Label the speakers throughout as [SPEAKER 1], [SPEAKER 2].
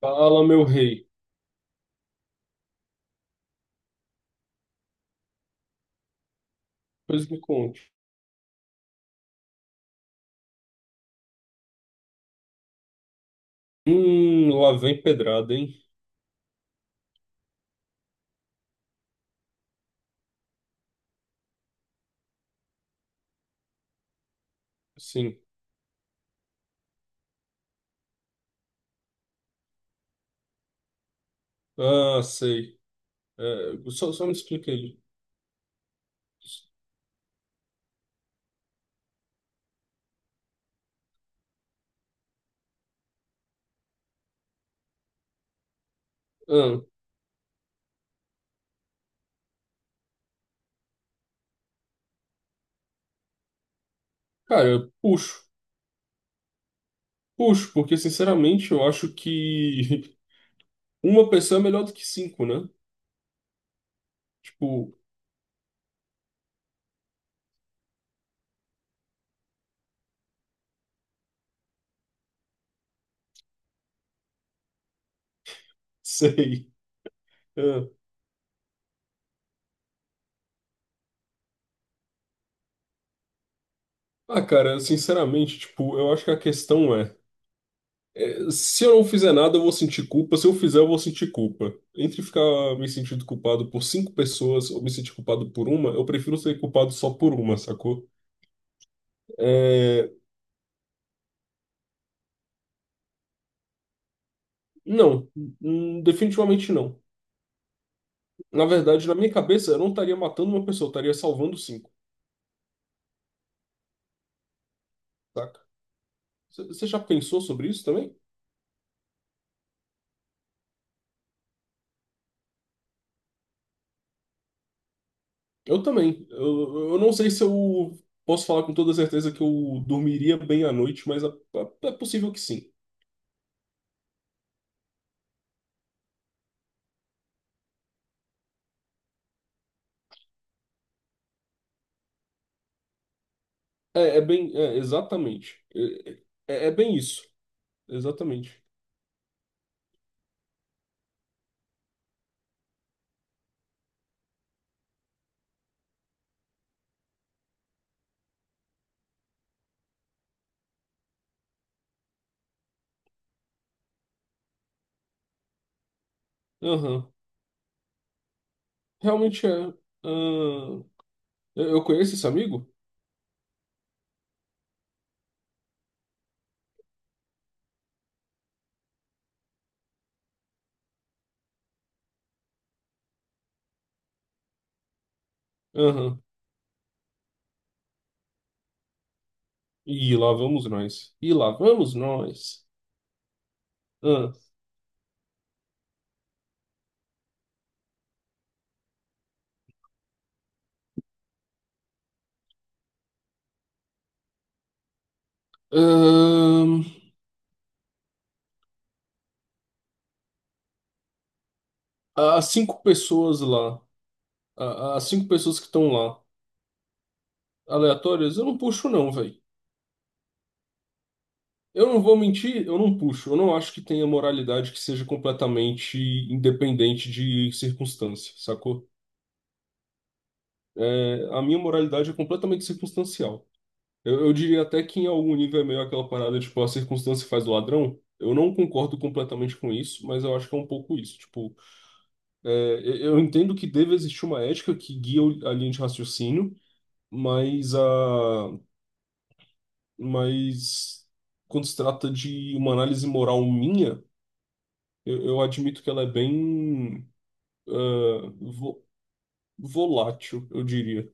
[SPEAKER 1] Fala, meu rei. Pois me conte. Lá vem pedrada, hein? Sim. Ah, sei. É, só me explica aí. Ah, cara, eu puxo. Puxo, porque sinceramente eu acho que uma pessoa é melhor do que cinco, né? Tipo, sei. Ah, Ah, cara, sinceramente, tipo, eu acho que a questão é. É, se eu não fizer nada, eu vou sentir culpa. Se eu fizer, eu vou sentir culpa. Entre ficar me sentindo culpado por cinco pessoas ou me sentir culpado por uma, eu prefiro ser culpado só por uma, sacou? É, não, definitivamente não. Na verdade, na minha cabeça, eu não estaria matando uma pessoa, eu estaria salvando cinco, saca? Você já pensou sobre isso também? Eu também. Eu não sei se eu posso falar com toda certeza que eu dormiria bem à noite, mas é possível que sim. É, é bem, é, exatamente. É, é bem isso. Exatamente. Aham. Realmente é. Ahn. Eu conheço esse amigo? Aham. E lá vamos nós. E lá vamos nós. Ahn. Ahn, As cinco pessoas lá. As cinco pessoas que estão lá. Aleatórias, eu não puxo, não, velho. Eu não vou mentir, eu não puxo. Eu não acho que tenha moralidade que seja completamente independente de circunstância, sacou? É, a minha moralidade é completamente circunstancial. Eu diria até que em algum nível é meio aquela parada, tipo, a circunstância faz o ladrão. Eu não concordo completamente com isso, mas eu acho que é um pouco isso. Tipo, é, eu entendo que deve existir uma ética que guia o- a linha de raciocínio, mas a, mas quando se trata de uma análise moral minha, eu admito que ela é bem, ah, vo- volátil, eu diria.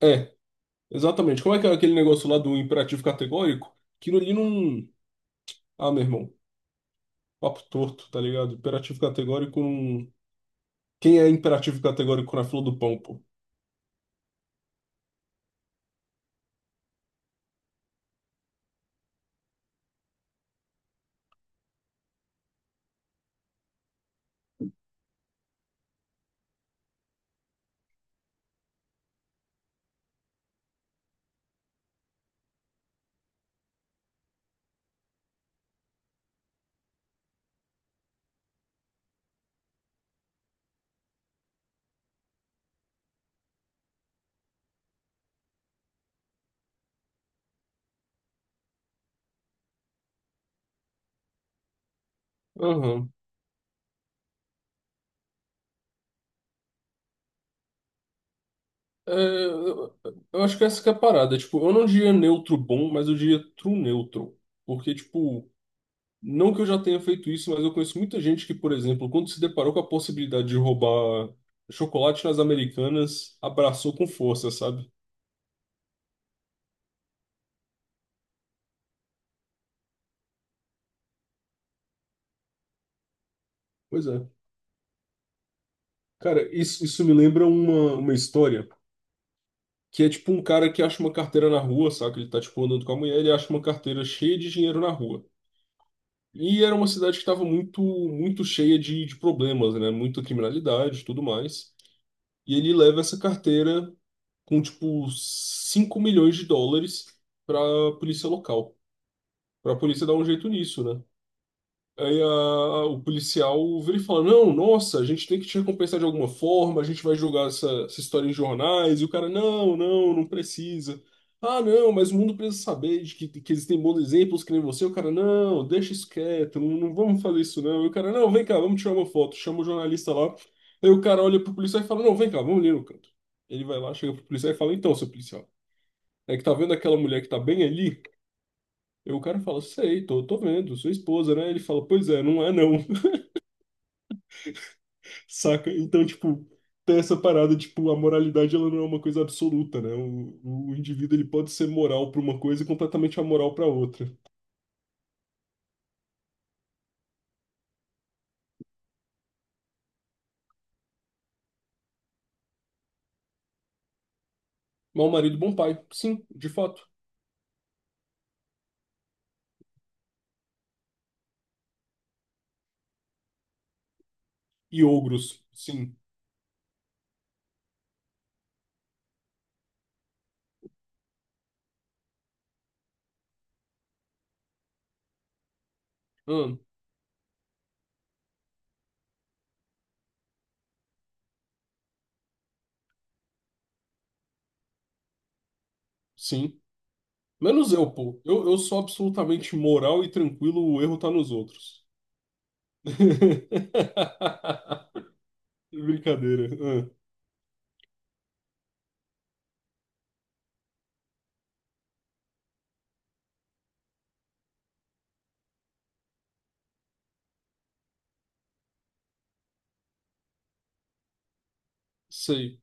[SPEAKER 1] É. Exatamente. Como é que é aquele negócio lá do imperativo categórico? Aquilo ali não. Ah, meu irmão, papo torto, tá ligado? Imperativo categórico não. Quem é imperativo categórico na fila do pão, pô? Aham. É, eu acho que essa que é a parada. Tipo, eu não diria neutro bom, mas eu diria true neutro. Porque, tipo, não que eu já tenha feito isso, mas eu conheço muita gente que, por exemplo, quando se deparou com a possibilidade de roubar chocolate nas Americanas, abraçou com força, sabe? Pois é. Cara, isso me lembra uma história. Que é tipo um cara que acha uma carteira na rua, saca? Ele tá tipo andando com a mulher, ele acha uma carteira cheia de dinheiro na rua. E era uma cidade que estava muito, muito cheia de problemas, né? Muita criminalidade e tudo mais. E ele leva essa carteira com tipo 5 milhões de dólares pra polícia local. Pra polícia dar um jeito nisso, né? O policial vira e fala: Não, nossa, a gente tem que te recompensar de alguma forma, a gente vai jogar essa, essa história em jornais. E o cara: Não, não, não precisa. Ah, não, mas o mundo precisa saber de que existem bons exemplos que nem você. O cara: Não, deixa isso quieto, não, não vamos fazer isso não. E o cara: Não, vem cá, vamos tirar uma foto. Chama o jornalista lá. Aí o cara olha pro policial e fala: Não, vem cá, vamos ali no canto. Ele vai lá, chega pro policial e fala: Então, seu policial, é que tá vendo aquela mulher que tá bem ali? E o cara fala, sei, tô vendo, sua esposa, né? Ele fala, pois é, não é não. Saca? Então, tipo, tem essa parada, tipo, a moralidade ela não é uma coisa absoluta, né? O indivíduo ele pode ser moral para uma coisa e completamente amoral para outra. Mau marido, bom pai. Sim, de fato. E ogros. Sim. Hum, sim. Menos eu, pô. Eu sou absolutamente moral e tranquilo, o erro tá nos outros. Brincadeira. Hum, sei.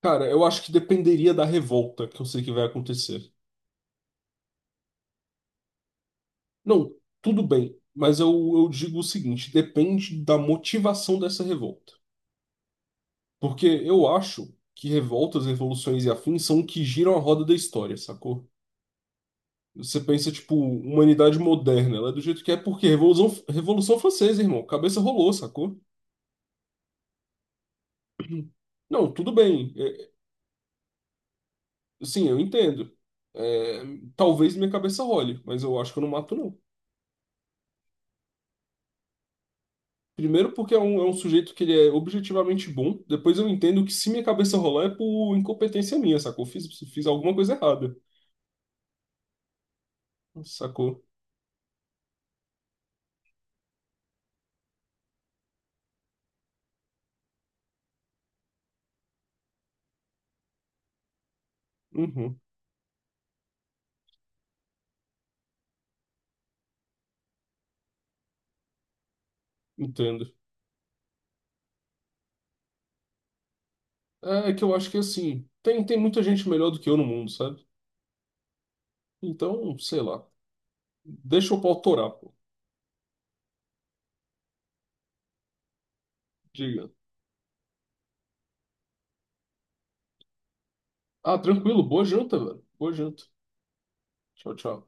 [SPEAKER 1] Cara, eu acho que dependeria da revolta que eu sei que vai acontecer. Não, tudo bem, mas eu digo o seguinte: depende da motivação dessa revolta. Porque eu acho que revoltas, revoluções e afins são o que giram a roda da história, sacou? Você pensa, tipo, humanidade moderna, ela é do jeito que é, porque Revolução Francesa, irmão, cabeça rolou, sacou? Não, tudo bem, sim, eu entendo. É, talvez minha cabeça role, mas eu acho que eu não mato, não. Primeiro porque é um sujeito que ele é objetivamente bom. Depois eu entendo que se minha cabeça rolar é por incompetência minha, sacou? Fiz alguma coisa errada, sacou? Uhum, entendo. É que eu acho que assim, tem muita gente melhor do que eu no mundo, sabe? Então, sei lá. Deixa o eu torar, pô. Diga. Ah, tranquilo. Boa janta, velho. Boa janta. Tchau, tchau.